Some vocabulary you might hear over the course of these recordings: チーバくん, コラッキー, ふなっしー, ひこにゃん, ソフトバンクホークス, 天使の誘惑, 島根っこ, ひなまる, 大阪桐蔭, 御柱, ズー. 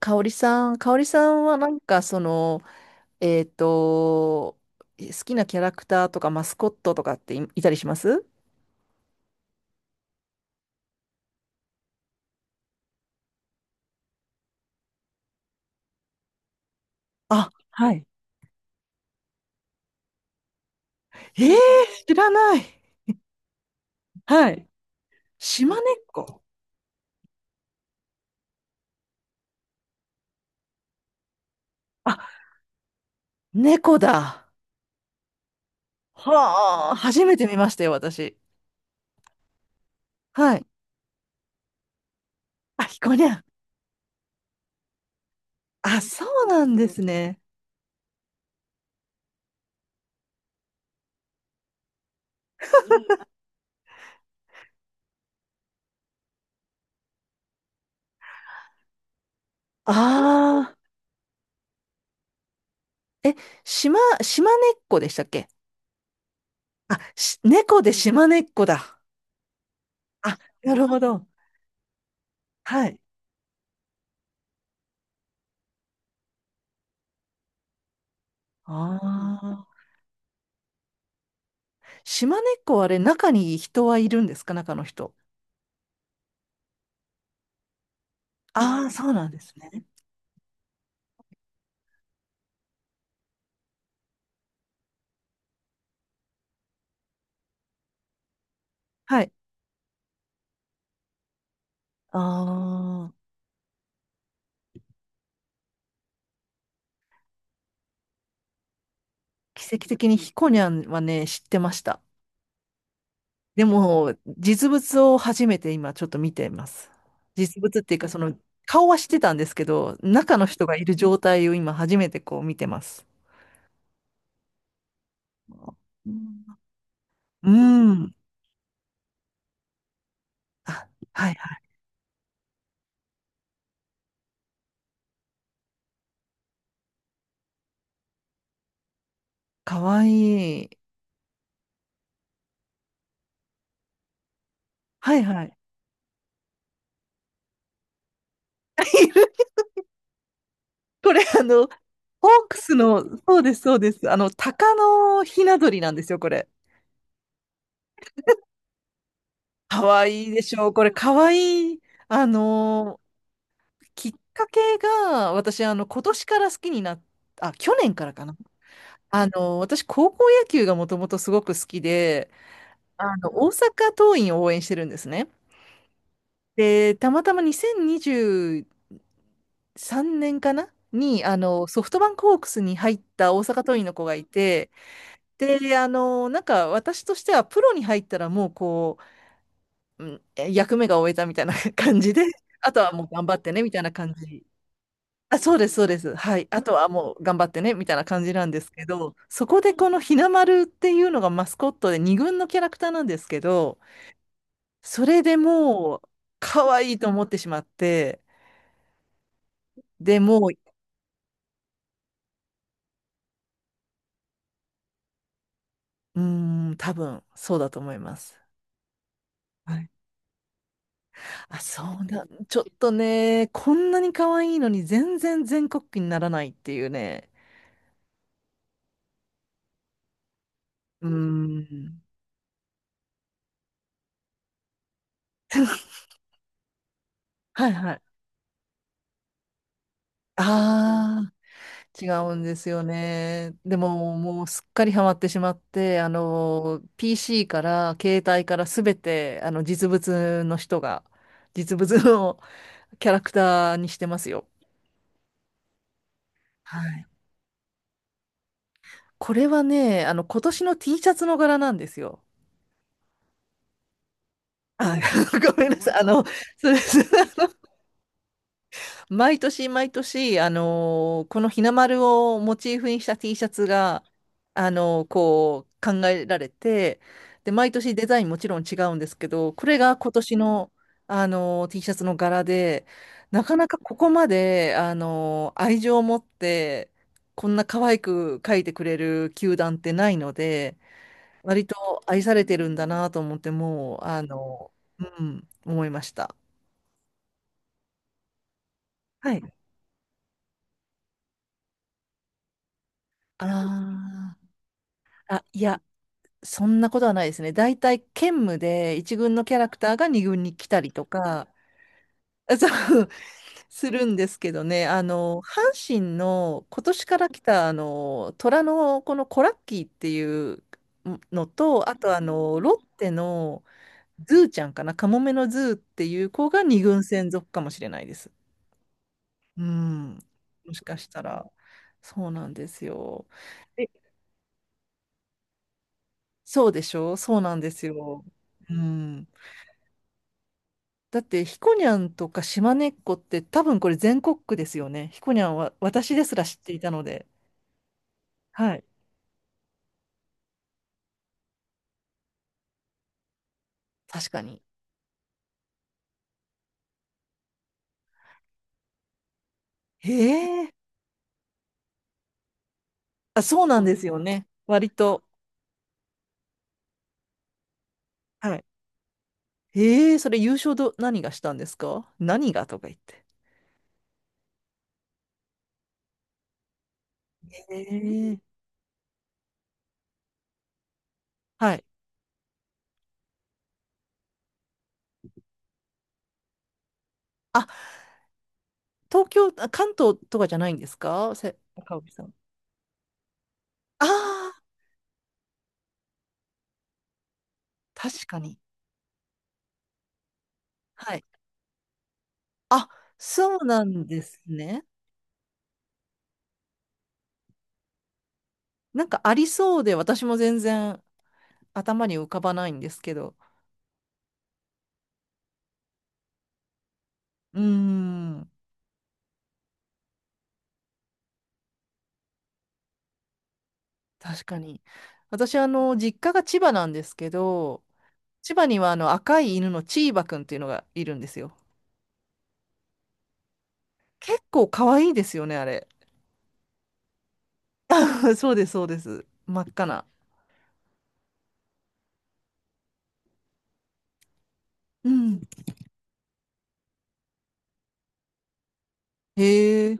香織さん、香織さんはえっと、好きなキャラクターとかマスコットとかっていたりします？あ、えー、知らない。はい。島根っこ。あ、猫だ。はあ、初めて見ましたよ、私。はい。あ、ひこにゃん。あ、そうなんですね。ああ、え、島根っこでしたっけ？猫で島根っこだ。あ、なるほど。はい。あ、島根っこはあれ、中に人はいるんですか、中の人。ああ、そうなんですね。はい。ああ、奇跡的にひこにゃんはね、知ってました。でも、実物を初めて今ちょっと見ています。実物っていうか、その、顔は知ってたんですけど、中の人がいる状態を今初めてこう見てます。うん。あ、はいはい。かわいい。はいはい。これ、あの、ホークスの、そうです、そうです。あの、鷹のひな鳥なんですよ、これ。かわいいでしょう、これ。かわいい。あのーきっかけが、私、あの、今年から好きになっ、あ、去年からかな。私、高校野球がもともとすごく好きで、あの、大阪桐蔭を応援してるんですね。で、たまたま2023年かなに、あの、ソフトバンクホークスに入った大阪桐蔭の子がいて、で、あの、なんか私としてはプロに入ったらもうこう、うん、え役目が終えたみたいな 感じで、あとはもう頑張ってねみたいな感じ。あ、そうです、そうです。はい。あとはもう頑張ってねみたいな感じなんですけど、そこでこのひなまるっていうのがマスコットで二軍のキャラクターなんですけど、それでもう可愛いと思ってしまって、でもう、うーん、多分そうだと思います。はい。あ、そうだ。ちょっとね、こんなに可愛いのに全然全国区にならないっていうね。うーん。はいはい。ああ、違うんですよね。でも、もうすっかりハマってしまって、あの、PC から、携帯からすべて、あの、実物の キャラクターにしてますよ。はい。これはね、あの、今年の T シャツの柄なんですよ。あ、ごめんなさい。あの、そうです。毎年毎年、この日の丸をモチーフにした T シャツが、こう考えられて、で、毎年デザインもちろん違うんですけど、これが今年の、T シャツの柄で、なかなかここまで、愛情を持って、こんな可愛く描いてくれる球団ってないので、割と愛されてるんだなと思って、もう、あのーうん、思いました。はい。ああ。あ、いや、そんなことはないですね。大体兼務で一軍のキャラクターが二軍に来たりとか、そう、するんですけどね、あの、阪神の今年から来た、あの、虎のこのコラッキーっていうのと、あとあの、ロッテのズーちゃんかな、カモメのズーっていう子が二軍専属かもしれないです。うん。もしかしたら、そうなんですよ。え、そうでしょう、そうなんですよ。うん。だって、ひこにゃんとか島根っこって多分これ全国区ですよね。ひこにゃんは私ですら知っていたので。はい。確かに。へえ。あ、そうなんですよね。割と。はい。へえ、それ優勝何がしたんですか、何がとか言って。へえ。はい。あ、東京、あ関東とかじゃないんですか、赤荻さん。ああ、確かに。はい。あ、そうなんですね。なんかありそうで、私も全然頭に浮かばないんですけど。うーん、確かに。私、あの、実家が千葉なんですけど、千葉にはあの赤い犬のチーバくんっていうのがいるんですよ。結構可愛いですよね、あれ。そうです、そうです。真っ赤な。うん。へえ。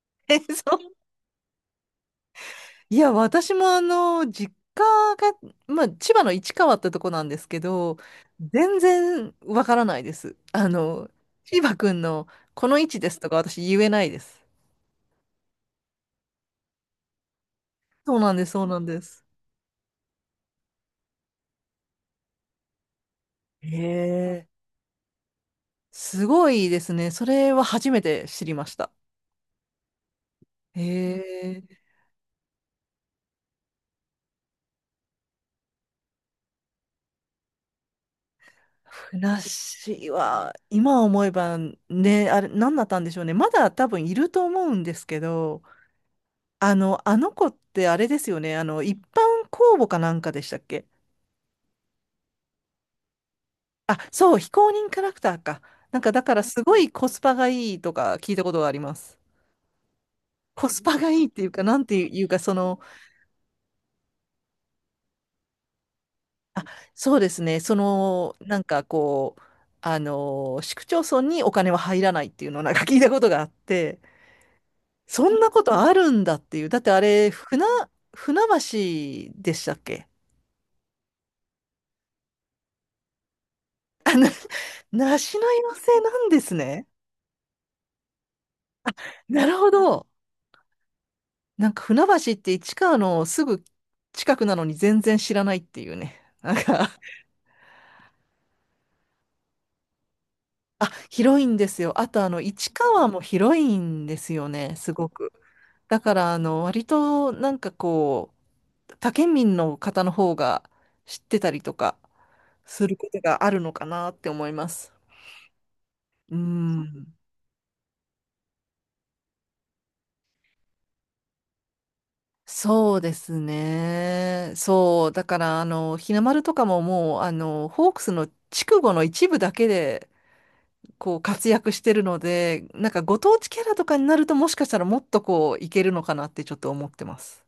え、そう。いや、私もあの、実家が、まあ、千葉の市川ってとこなんですけど、全然わからないです。あの、千葉くんのこの位置ですとか私言えないです。そうなんです、そうなんです。へ、すごいですね。それは初めて知りました。へえ。ふなっしーは、今思えばね、あれ、何だったんでしょうね。まだ多分いると思うんですけど、あの、あの子ってあれですよね。あの、一般公募かなんかでしたっけ？あ、そう、非公認キャラクターか。なんか、だからすごいコスパがいいとか聞いたことがあります。コスパがいいっていうか、なんていうか、その、あ、そうですね。その、なんかこう、あの、市区町村にお金は入らないっていうのをなんか聞いたことがあって、そんなことあるんだっていう。だってあれ、船橋でしたっけ？梨の寄せなんですね。なるほど。なんか船橋って市川のすぐ近くなのに全然知らないっていうね。なんか あ、広いんですよ。あとあの、市川も広いんですよね、すごく。だからあの、割となんかこう、他県民の方の方が知ってたりとかすることがあるのかなって思います。うん。そうですね。そう。だから、あの、日の丸とかももう、あの、ホークスの筑後の一部だけで、こう、活躍してるので、なんかご当地キャラとかになると、もしかしたらもっとこう、いけるのかなってちょっと思ってます。